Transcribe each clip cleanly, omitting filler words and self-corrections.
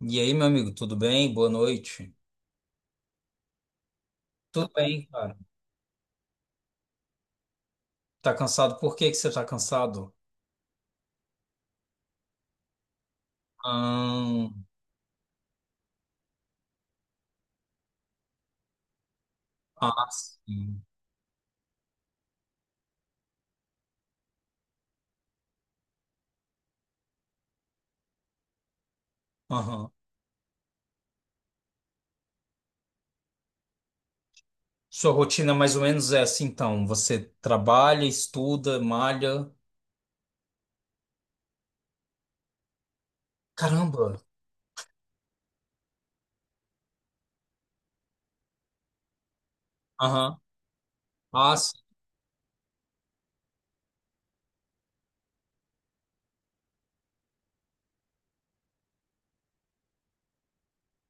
E aí, meu amigo, tudo bem? Boa noite. Tudo bem, cara. Tá cansado? Por que que você tá cansado? Ah. Ah, sim. Aham. Sua rotina mais ou menos é assim, então. Você trabalha, estuda, malha. Caramba! Aham. Ah, sim.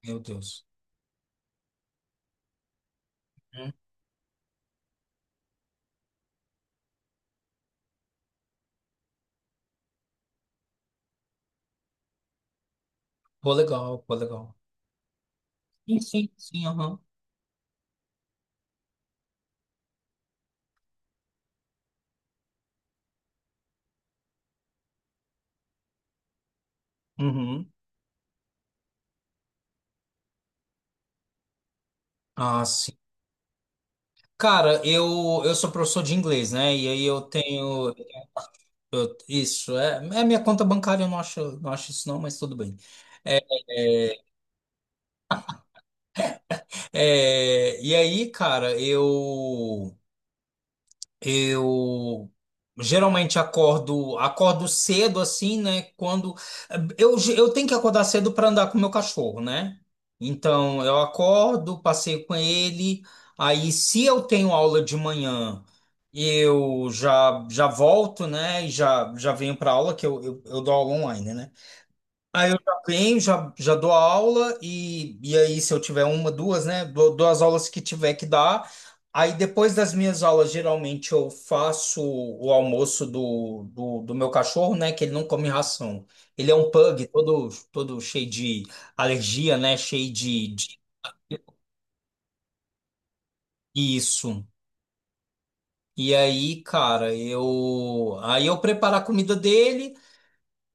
Meu Deus. Hum. Pô, legal, pô, legal. Sim, sim, sim, aham. Uhum. Ah, sim. Cara, eu sou professor de inglês, né? E aí eu tenho. Isso, é minha conta bancária, eu não acho, não acho isso não, mas tudo bem. É, é, e aí, cara, eu geralmente acordo cedo assim, né? Quando eu tenho que acordar cedo para andar com o meu cachorro, né? Então eu acordo, passeio com ele. Aí, se eu tenho aula de manhã, eu já já volto, né? E já já venho para aula que eu dou aula online, né? Aí eu já venho, já dou a aula, e aí, se eu tiver uma, duas, né? Dou as aulas que tiver que dar. Aí, depois das minhas aulas, geralmente eu faço o almoço do meu cachorro, né? Que ele não come ração. Ele é um pug, todo, todo cheio de alergia, né? Cheio de. Isso. E aí, cara, eu. Aí eu preparo a comida dele.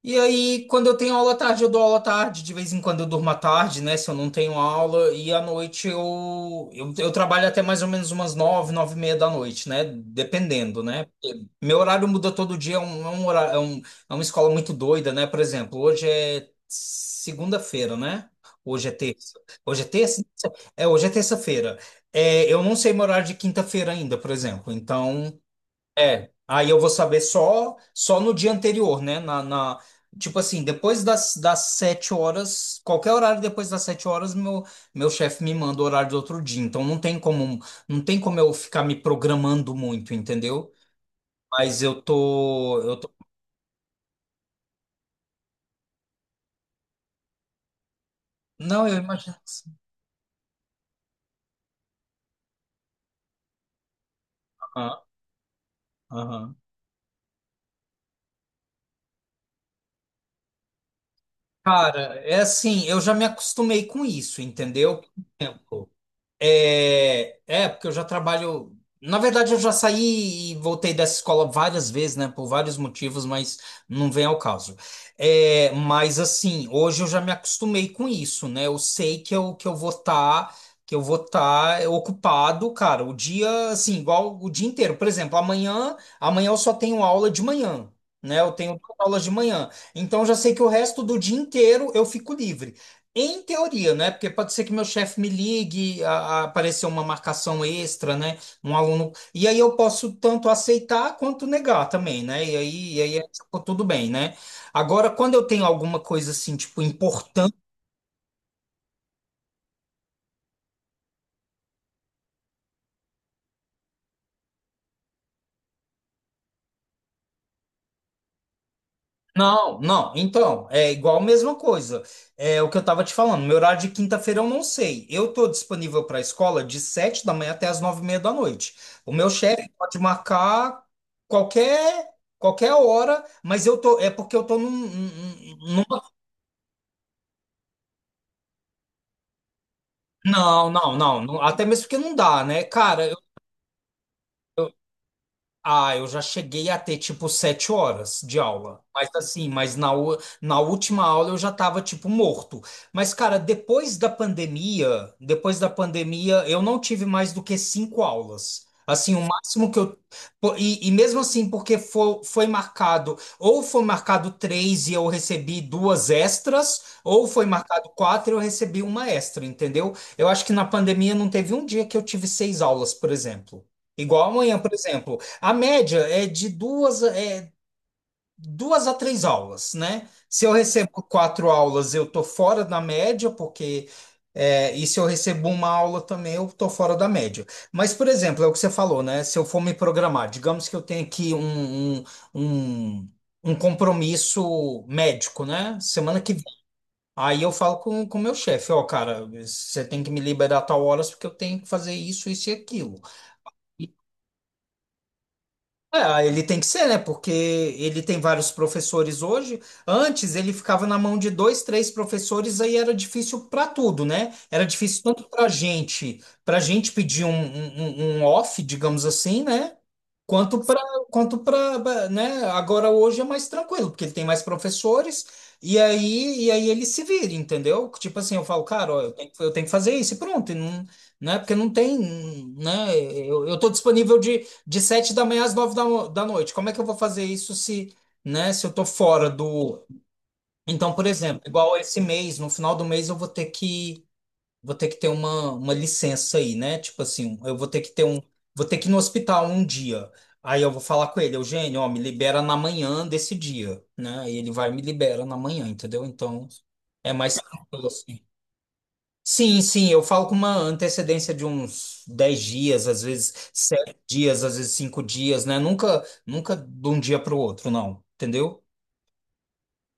E aí, quando eu tenho aula à tarde, eu dou aula à tarde. De vez em quando eu durmo à tarde, né? Se eu não tenho aula. E à noite eu trabalho até mais ou menos umas nove, nove e meia da noite, né? Dependendo, né? Porque meu horário muda todo dia. Um horário. É uma escola muito doida, né? Por exemplo, hoje é segunda-feira, né? Hoje é terça. Hoje é terça? É, hoje é terça-feira. É, eu não sei meu horário de quinta-feira ainda, por exemplo. Então. É, aí eu vou saber só no dia anterior, né? Tipo assim, depois das 7 horas, qualquer horário depois das 7 horas, meu chefe me manda o horário do outro dia. Então não tem como eu ficar me programando muito, entendeu? Mas eu tô Não, eu imagino que sim. Aham, aham. Cara, é assim, eu já me acostumei com isso, entendeu? Porque eu já trabalho. Na verdade, eu já saí e voltei dessa escola várias vezes, né? Por vários motivos, mas não vem ao caso. É, mas assim, hoje eu já me acostumei com isso, né? Eu sei que eu, que eu vou estar ocupado, cara, o dia, assim, igual o dia inteiro. Por exemplo, amanhã eu só tenho aula de manhã. Né, eu tenho duas aulas de manhã, então eu já sei que o resto do dia inteiro eu fico livre. Em teoria, né? Porque pode ser que meu chefe me ligue, a aparecer uma marcação extra, né? Um aluno. E aí eu posso tanto aceitar quanto negar também, né? E aí é, tipo, tudo bem, né? Agora, quando eu tenho alguma coisa assim, tipo, Não, não. Então, é igual a mesma coisa. É o que eu estava te falando. Meu horário de quinta-feira eu não sei. Eu tô disponível para a escola de sete da manhã até as nove e meia da noite. O meu chefe pode marcar qualquer qualquer hora, mas eu tô é porque eu tô num, num- não, não, não, não. Até mesmo porque não dá, né, cara? Ah, eu já cheguei a ter tipo 7 horas de aula. Mas assim, mas na, na última aula eu já tava tipo morto. Mas, cara, depois da pandemia, eu não tive mais do que cinco aulas. Assim, o máximo que eu. E mesmo assim, porque foi, foi marcado, ou foi marcado três e eu recebi duas extras, ou foi marcado quatro e eu recebi uma extra, entendeu? Eu acho que na pandemia não teve um dia que eu tive seis aulas, por exemplo. Igual amanhã, por exemplo. A média é de duas, é, duas a três aulas, né? Se eu recebo quatro aulas, eu tô fora da média, porque. É, e se eu recebo uma aula também, eu tô fora da média. Mas, por exemplo, é o que você falou, né? Se eu for me programar, digamos que eu tenha aqui um, um compromisso médico, né? Semana que vem. Aí eu falo com o meu chefe, ó, cara, você tem que me liberar a tal horas porque eu tenho que fazer isso, isso e aquilo. É, ele tem que ser, né? Porque ele tem vários professores hoje. Antes ele ficava na mão de dois, três professores, aí era difícil para tudo, né? Era difícil tanto para gente pedir um off, digamos assim, né? Quanto para, quanto para, né? Agora hoje é mais tranquilo, porque ele tem mais professores e aí ele se vira, entendeu? Tipo assim, eu falo, cara, ó, eu tenho, eu tenho que fazer isso e pronto. E não, né? Porque não tem, né? Eu tô disponível de sete da manhã às nove da noite. Como é que eu vou fazer isso se, né, se eu tô fora do. Então, por exemplo, igual esse mês, no final do mês eu vou ter que ter uma licença aí, né? Tipo assim, eu vou ter que ter um, vou ter que ir no hospital um dia. Aí eu vou falar com ele, Eugênio, ó, me libera na manhã desse dia, né? E ele vai e me libera na manhã, entendeu? Então, é mais tranquilo assim. Sim, sim, eu falo com uma antecedência de uns 10 dias, às vezes 7 dias, às vezes 5 dias, né? Nunca, nunca de um dia para o outro, não, entendeu?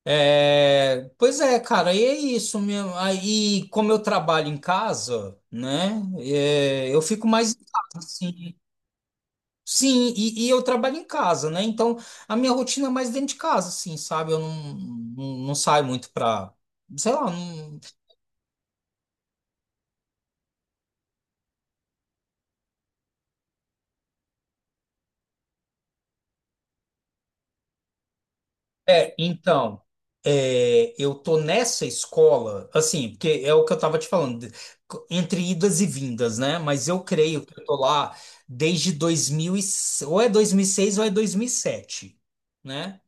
É, pois é, cara, e é isso mesmo. Aí, como eu trabalho em casa, né? É, eu fico mais em casa, assim. Sim, e eu trabalho em casa, né? Então, a minha rotina é mais dentro de casa, assim, sabe? Eu não, não, não saio muito pra, sei lá, não. É, então, eu tô nessa escola, assim, porque é o que eu tava te falando, entre idas e vindas, né? Mas eu creio que eu tô lá desde ou é 2006 ou é 2007, né?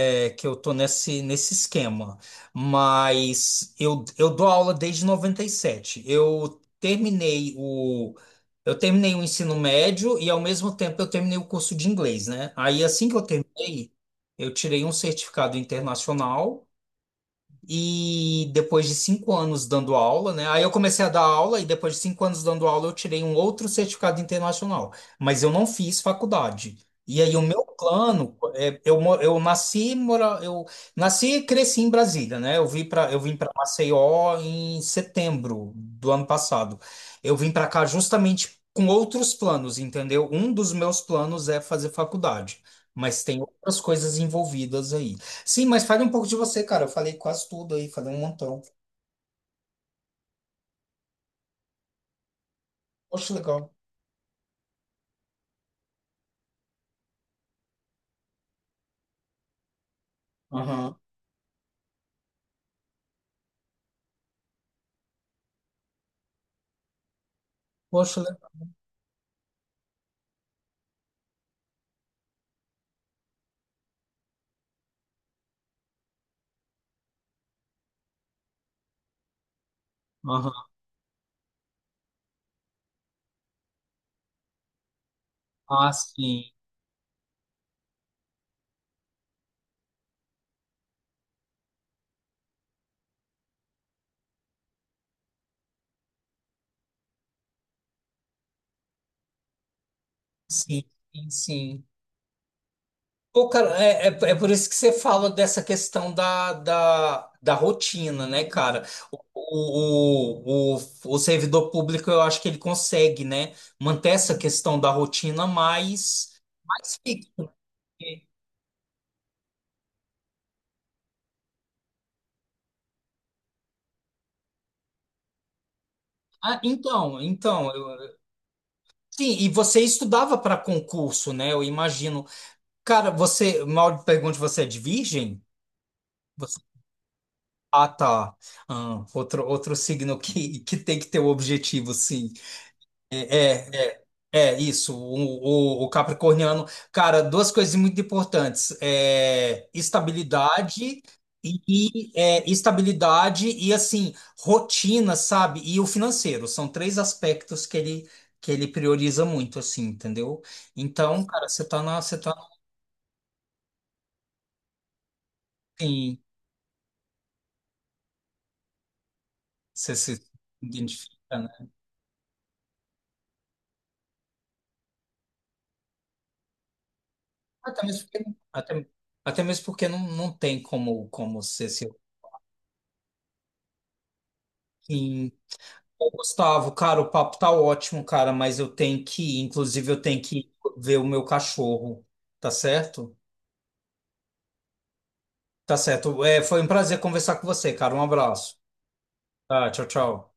que eu tô nesse esquema. Mas eu dou aula desde 97. Eu terminei o ensino médio e, ao mesmo tempo, eu terminei o curso de inglês, né? Aí, assim que eu terminei, eu tirei um certificado internacional. E depois de 5 anos dando aula, né? Aí eu comecei a dar aula e depois de cinco anos dando aula eu tirei um outro certificado internacional. Mas eu não fiz faculdade. E aí o meu plano, é, eu, mo- eu nasci, mora, eu nasci e cresci em Brasília, né? Eu vim para Maceió em setembro do ano passado. Eu vim para cá justamente com outros planos, entendeu? Um dos meus planos é fazer faculdade, mas tem outras coisas envolvidas aí. Sim, mas fale um pouco de você, cara. Eu falei quase tudo aí, falei um montão. Poxa, legal. Aham. Poxa, legal. Aham. Ah, sim. Sim, sim, sim. Pô, cara, é por isso que você fala dessa questão da rotina, né, cara? O servidor público, eu acho que ele consegue, né, manter essa questão da rotina mais, mais fixa. porque- então, sim, e você estudava para concurso, né? Eu imagino. Cara, você, mal pergunte, você é de virgem? Você- Ah, tá. Ah, outro, outro signo que tem que ter o objetivo, sim. É, é isso. O capricorniano. Cara, duas coisas muito importantes: é, estabilidade e assim, rotina, sabe? E o financeiro. São três aspectos que ele prioriza muito, assim, entendeu? Então, cara, você tá no fim. Você se identifica. Até mesmo porque, até, até mesmo porque não, não tem como ser seu. Sim. Ô, Gustavo, cara, o papo tá ótimo, cara, mas eu tenho que ir. Inclusive, eu tenho que ir ver o meu cachorro. Tá certo? Tá certo. É, foi um prazer conversar com você, cara. Um abraço. Tá, tchau, tchau.